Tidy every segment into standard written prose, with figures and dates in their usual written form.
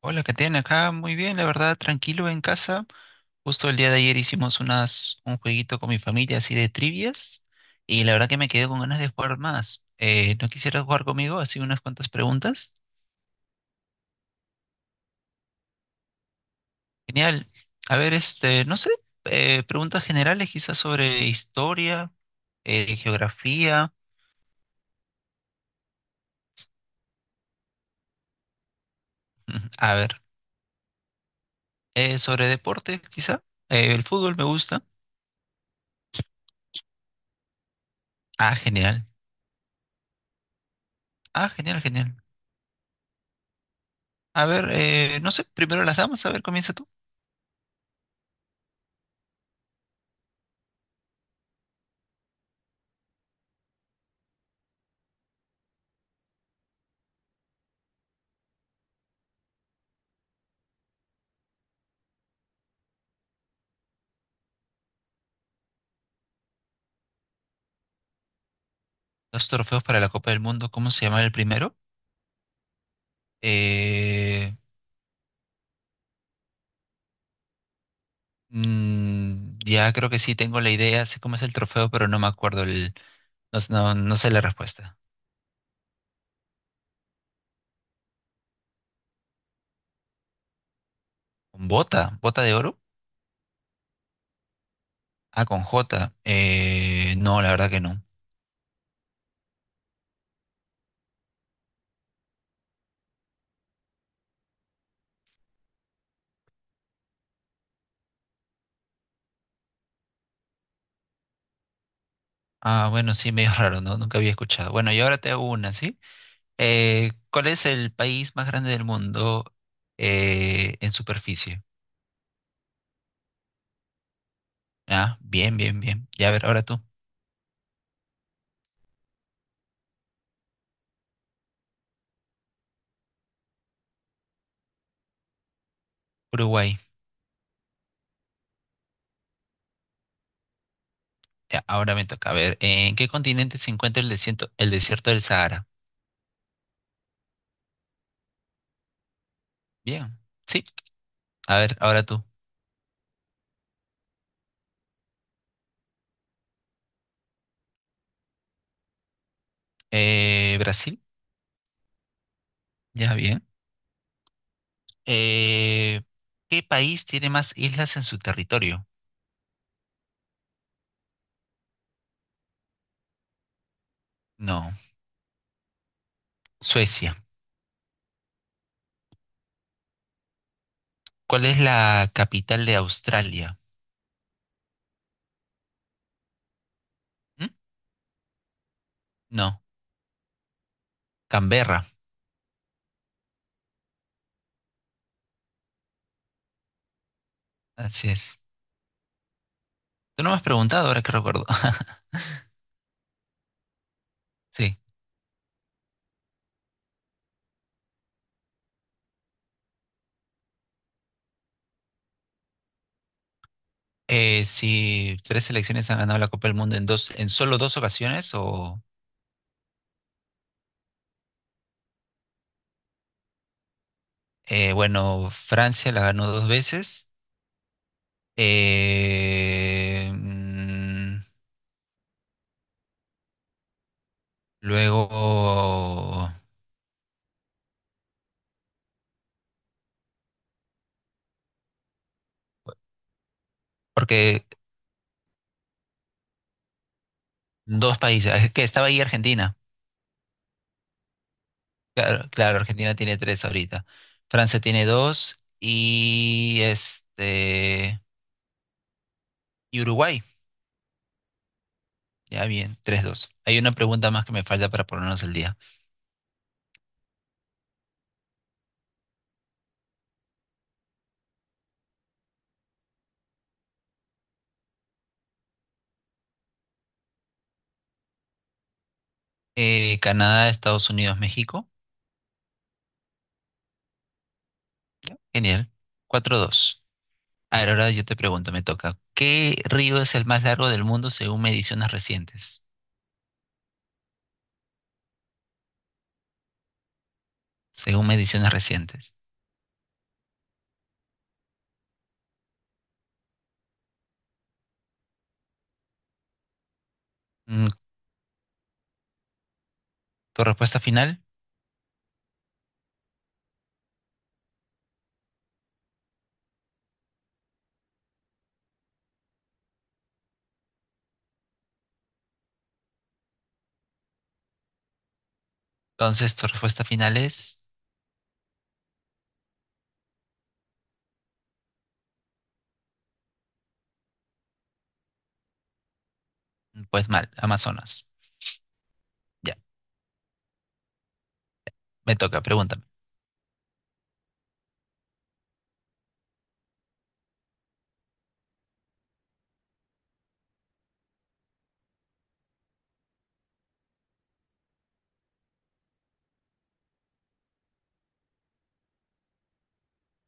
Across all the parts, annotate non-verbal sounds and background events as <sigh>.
Hola, ¿qué tiene acá? Muy bien, la verdad, tranquilo en casa. Justo el día de ayer hicimos un jueguito con mi familia así de trivias y la verdad que me quedé con ganas de jugar más. ¿No quisieras jugar conmigo? Así unas cuantas preguntas. Genial. A ver, este, no sé, preguntas generales quizás sobre historia, geografía. <laughs> A ver, sobre deporte quizá. El fútbol me gusta. Ah, genial. Ah, genial, genial. A ver, no sé, primero las damos, a ver, comienza tú. Dos trofeos para la Copa del Mundo. ¿Cómo se llama el primero? Eh, ya creo que sí tengo la idea, sé cómo es el trofeo, pero no me acuerdo el, no sé la respuesta. ¿Con bota? ¿Bota de oro? Ah, con J. No, la verdad que no. Ah, bueno, sí, medio <laughs> raro, ¿no? Nunca había escuchado. Bueno, y ahora te hago una, ¿sí? ¿Cuál es el país más grande del mundo en superficie? Ah, bien, bien, bien. Ya, a ver, ahora tú. Uruguay. Ya, ahora me toca ver, ¿En qué continente se encuentra el desierto del Sahara? Bien, sí. A ver, ahora tú. Brasil, ya bien. Eh, ¿qué país tiene más islas en su territorio? No. Suecia. ¿Cuál es la capital de Australia? ¿Mm? No. Canberra. Así es. Tú no me has preguntado, ahora que recuerdo. <laughs> Sí. Si tres selecciones han ganado la Copa del Mundo en dos, en solo dos ocasiones, o bueno, Francia la ganó dos veces. Eh, mm, luego, porque dos países, es que estaba ahí Argentina. Claro, claro, Argentina tiene tres ahorita. Francia tiene dos y este y Uruguay. Ya bien, tres, dos. Hay una pregunta más que me falta para ponernos al día. Canadá, Estados Unidos, México. Genial. Cuatro, dos. A ver, ahora yo te pregunto, me toca. ¿Qué río es el más largo del mundo según mediciones recientes? Según mediciones recientes. Mm, ¿Tu respuesta final? Entonces, tu respuesta final es, pues mal, Amazonas. Ya, me toca, pregúntame.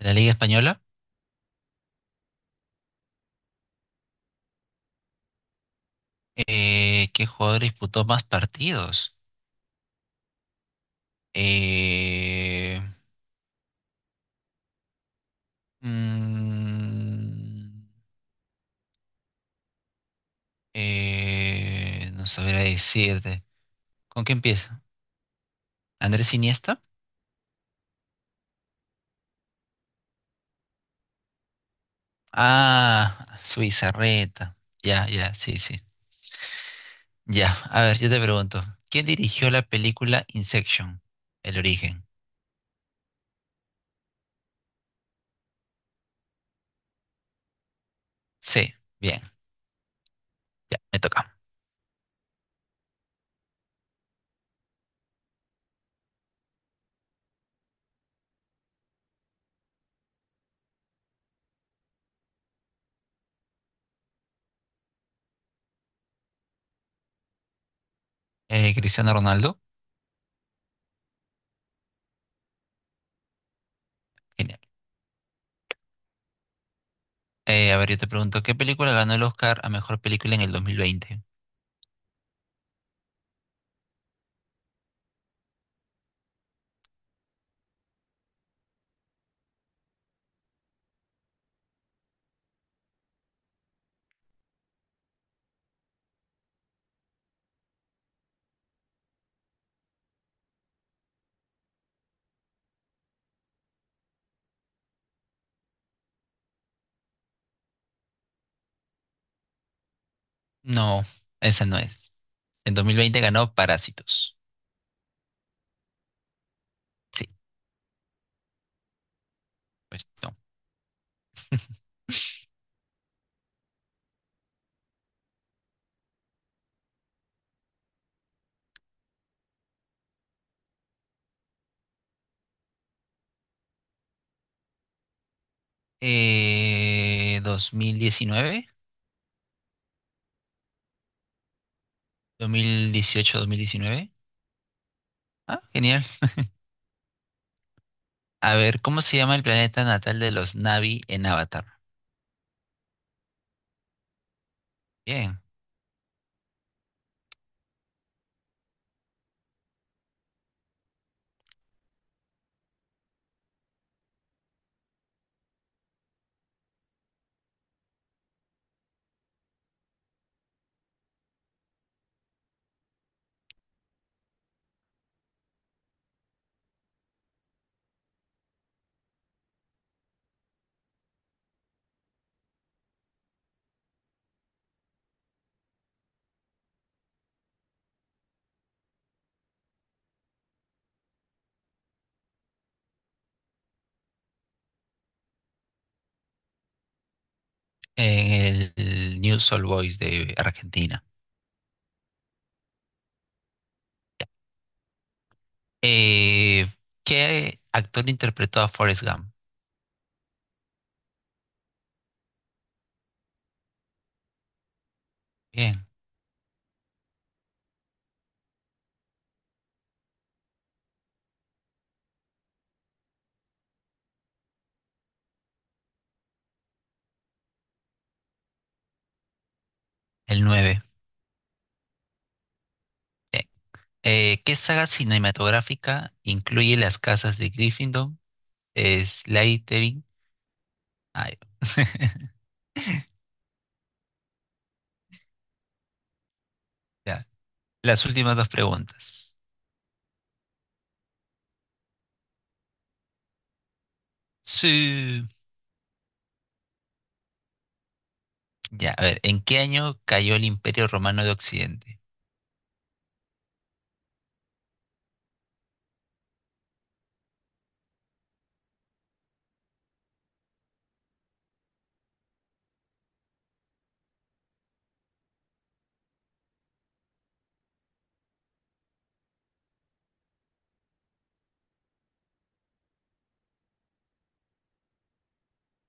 De la Liga Española, ¿qué jugador disputó más partidos? Eh, mm, no sabría decirte. ¿Con qué empieza? ¿Andrés Iniesta? Ah, Suizarreta. Ya, ya, sí, sí. Ya, a ver, yo te pregunto, ¿quién dirigió la película Inception? El origen. Sí. Bien. Ya, me toca. Cristiano Ronaldo. Genial. A ver, yo te pregunto, ¿qué película ganó el Oscar a mejor película en el 2020? No, esa no es. En 2020 ganó Parásitos. Sí, pues no. <laughs> 2019, 2018, 2019. Ah, genial. A ver, ¿cómo se llama el planeta natal de los Na'vi en Avatar? Bien, en el New Soul Boys de Argentina. Eh, ¿qué actor interpretó a Forrest Gump? Bien, el 9. ¿Qué saga cinematográfica incluye las casas de Gryffindor, Slytherin? Ay, <laughs> ya. Las últimas dos preguntas. Sí. Ya, a ver, ¿en qué año cayó el Imperio Romano de Occidente?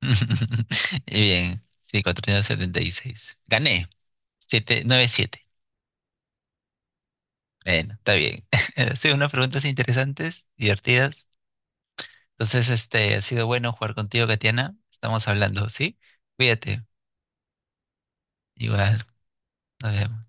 <laughs> Bien, sí, 476. Gané. Siete, nueve, siete. Bueno, está bien. <laughs> Hacen unas preguntas interesantes, divertidas. Entonces, este, ha sido bueno jugar contigo, Katiana. Estamos hablando, ¿sí? Cuídate. Igual, nos vemos.